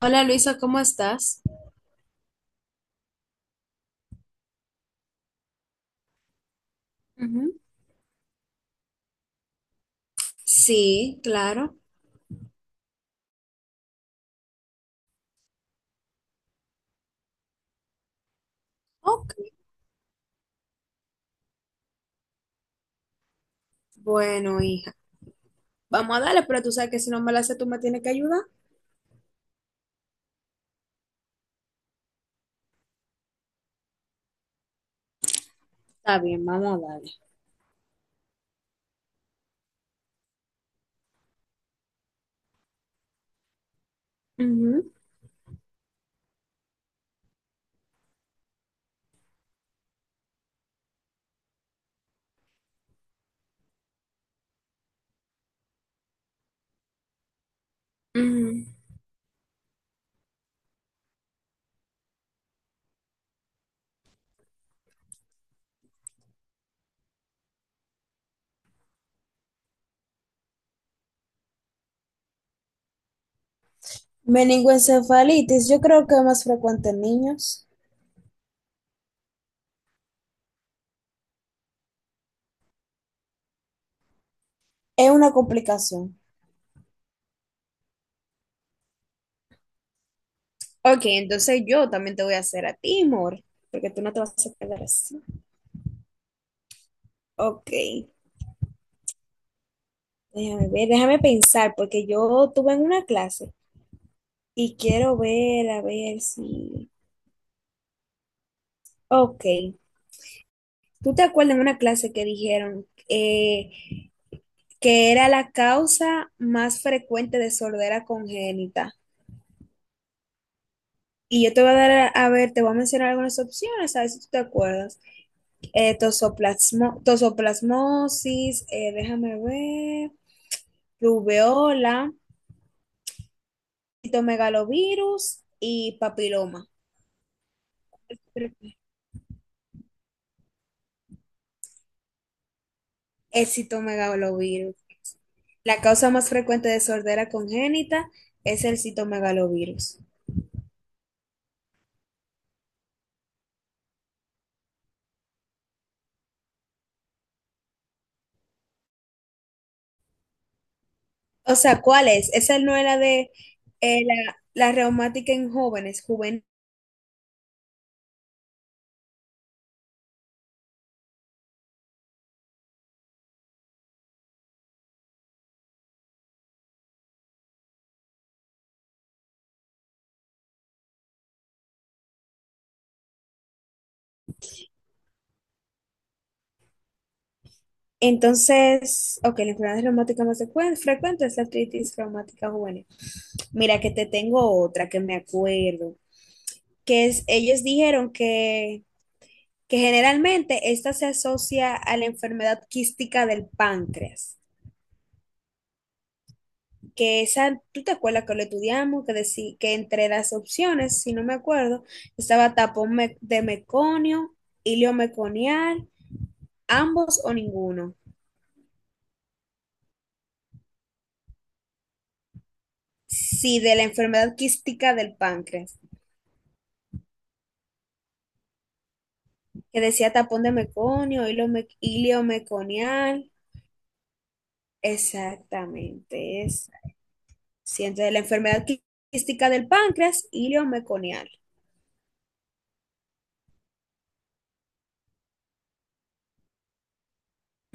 Hola Luisa, ¿cómo estás? Ujú. Sí, claro. Ok. Bueno, hija, vamos a darle, pero tú sabes que si no me la sé, tú me tienes que ayudar. Está bien, vamos a darle. Ujú. Ujú. Meningoencefalitis, yo creo que es más frecuente en niños. Es una complicación. Ok, entonces yo también te voy a hacer a ti, amor, porque tú no te vas a quedar así. Ok, déjame ver, déjame pensar, porque yo tuve en una clase y quiero ver, a ver si... Ok. ¿Tú te acuerdas en una clase que dijeron que era la causa más frecuente de sordera congénita? Y yo te voy a dar, a ver, te voy a mencionar algunas opciones, a ver si tú te acuerdas. Tosoplasmosis, déjame ver, rubeola, citomegalovirus y papiloma. El citomegalovirus. La causa más frecuente de sordera congénita es el citomegalovirus. O sea, ¿cuál es? Esa no era de la reumática en jóvenes, juvenil. Entonces, ok, la enfermedad reumática frecuente es la artritis reumática juvenil. Mira que te tengo otra que me acuerdo, que es, ellos dijeron que generalmente esta se asocia a la enfermedad quística del páncreas, que esa, ¿tú te acuerdas que lo estudiamos? Que, que entre las opciones, si no me acuerdo, estaba tapón de meconio, ilio meconial, ambos o ninguno. Sí, de la enfermedad quística del páncreas, que decía tapón de meconio, iliomeconial. Exactamente, es. Sí, entonces la quística del páncreas, iliomeconial.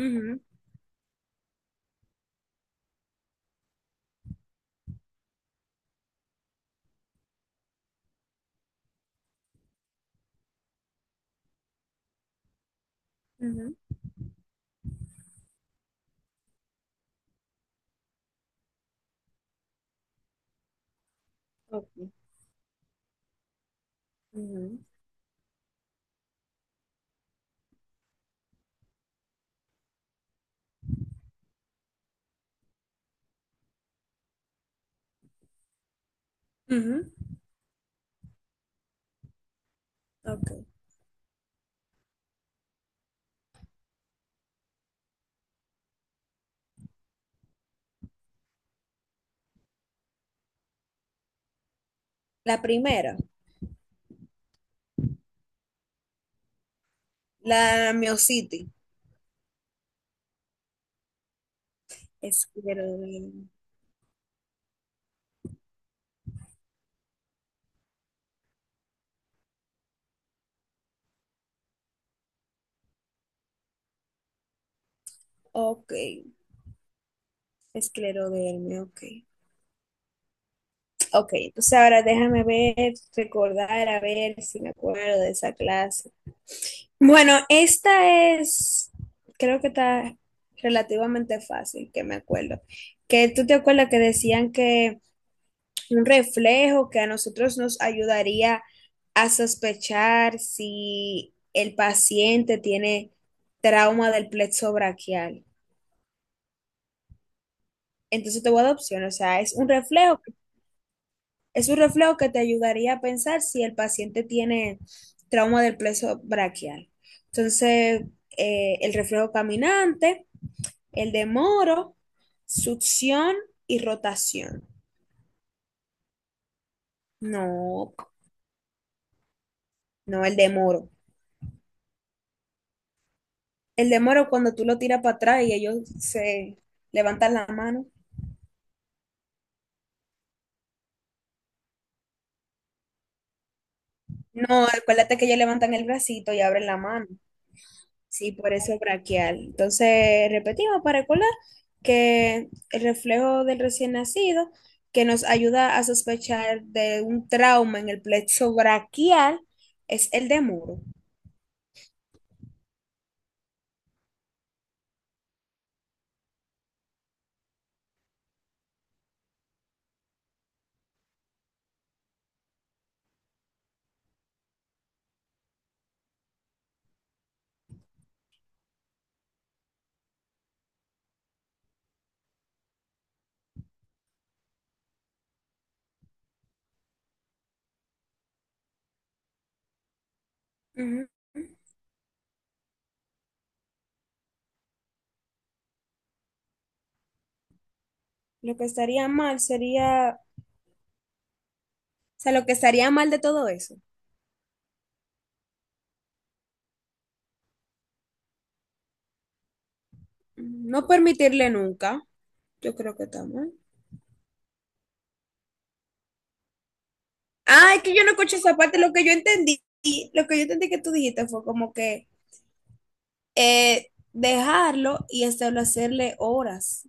Ujú, ujú, ok, ujú, ujú, ok. La primera, la miositis, esclerodermia. Ok, esclerodermia, ok. Ok, entonces ahora déjame ver, recordar, a ver si me acuerdo de esa clase. Bueno, esta es, creo que está relativamente fácil, que me acuerdo. Que tú te acuerdas que decían que un reflejo que a nosotros nos ayudaría a sospechar si el paciente tiene trauma del plexo braquial. Entonces te voy a dar opciones, o sea, es un reflejo. Es un reflejo que te ayudaría a pensar si el paciente tiene trauma del plexo braquial. Entonces, el reflejo caminante, el de moro, succión y rotación. No, no, el de moro. El de moro cuando tú lo tiras para atrás y ellos se levantan la mano. No, acuérdate que ellos levantan el bracito y abren la mano. Sí, por eso braquial. Entonces, repetimos para recordar que el reflejo del recién nacido, que nos ayuda a sospechar de un trauma en el plexo braquial, es el de muro. Ujú. Lo que estaría mal sería, o sea, lo que estaría mal de todo eso, no permitirle nunca, yo creo que está mal. Ah, es que yo no escuché esa parte, lo que yo entendí, lo que yo entendí que tú dijiste fue como que eh, dejarlo y establecerle horas.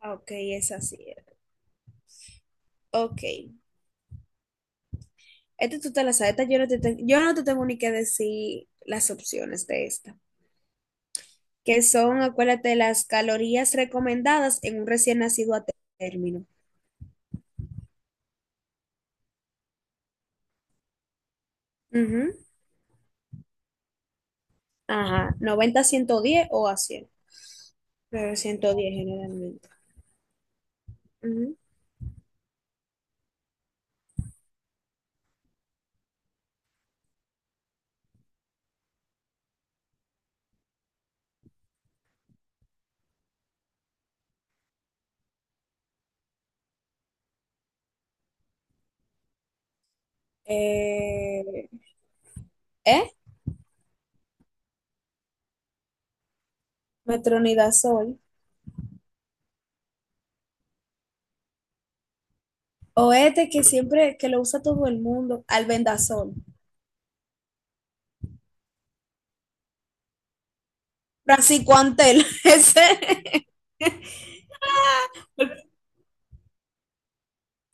Ah, ok, es así. Ok. Esta tú te la sabes. Esta yo no yo no te tengo ni que decir las opciones de esta. Que son, acuérdate, las calorías recomendadas en un recién nacido a término. Ujú. Ajá. Noventa, a 110 o a 100. Pero 110 generalmente. Ujú. Eh, ¿eh? Metronidazol. O este que siempre, que lo usa todo el mundo. Albendazol. Braxicoantel. Ese.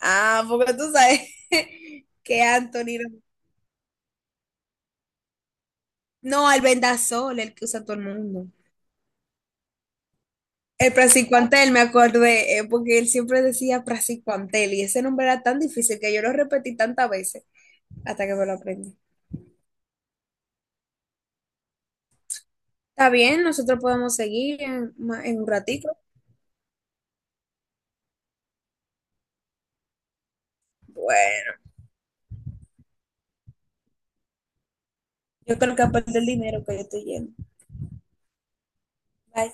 Ah, porque tú sabes que Anthony. No, no, el vendasol, el que usa todo el mundo. El praziquantel, me acordé, porque él siempre decía praziquantel y ese nombre era tan difícil que yo lo repetí tantas veces hasta que me lo aprendí. Está bien, nosotros podemos seguir en un ratito. Bueno, yo creo que aparte el dinero que yo estoy yendo. Bye.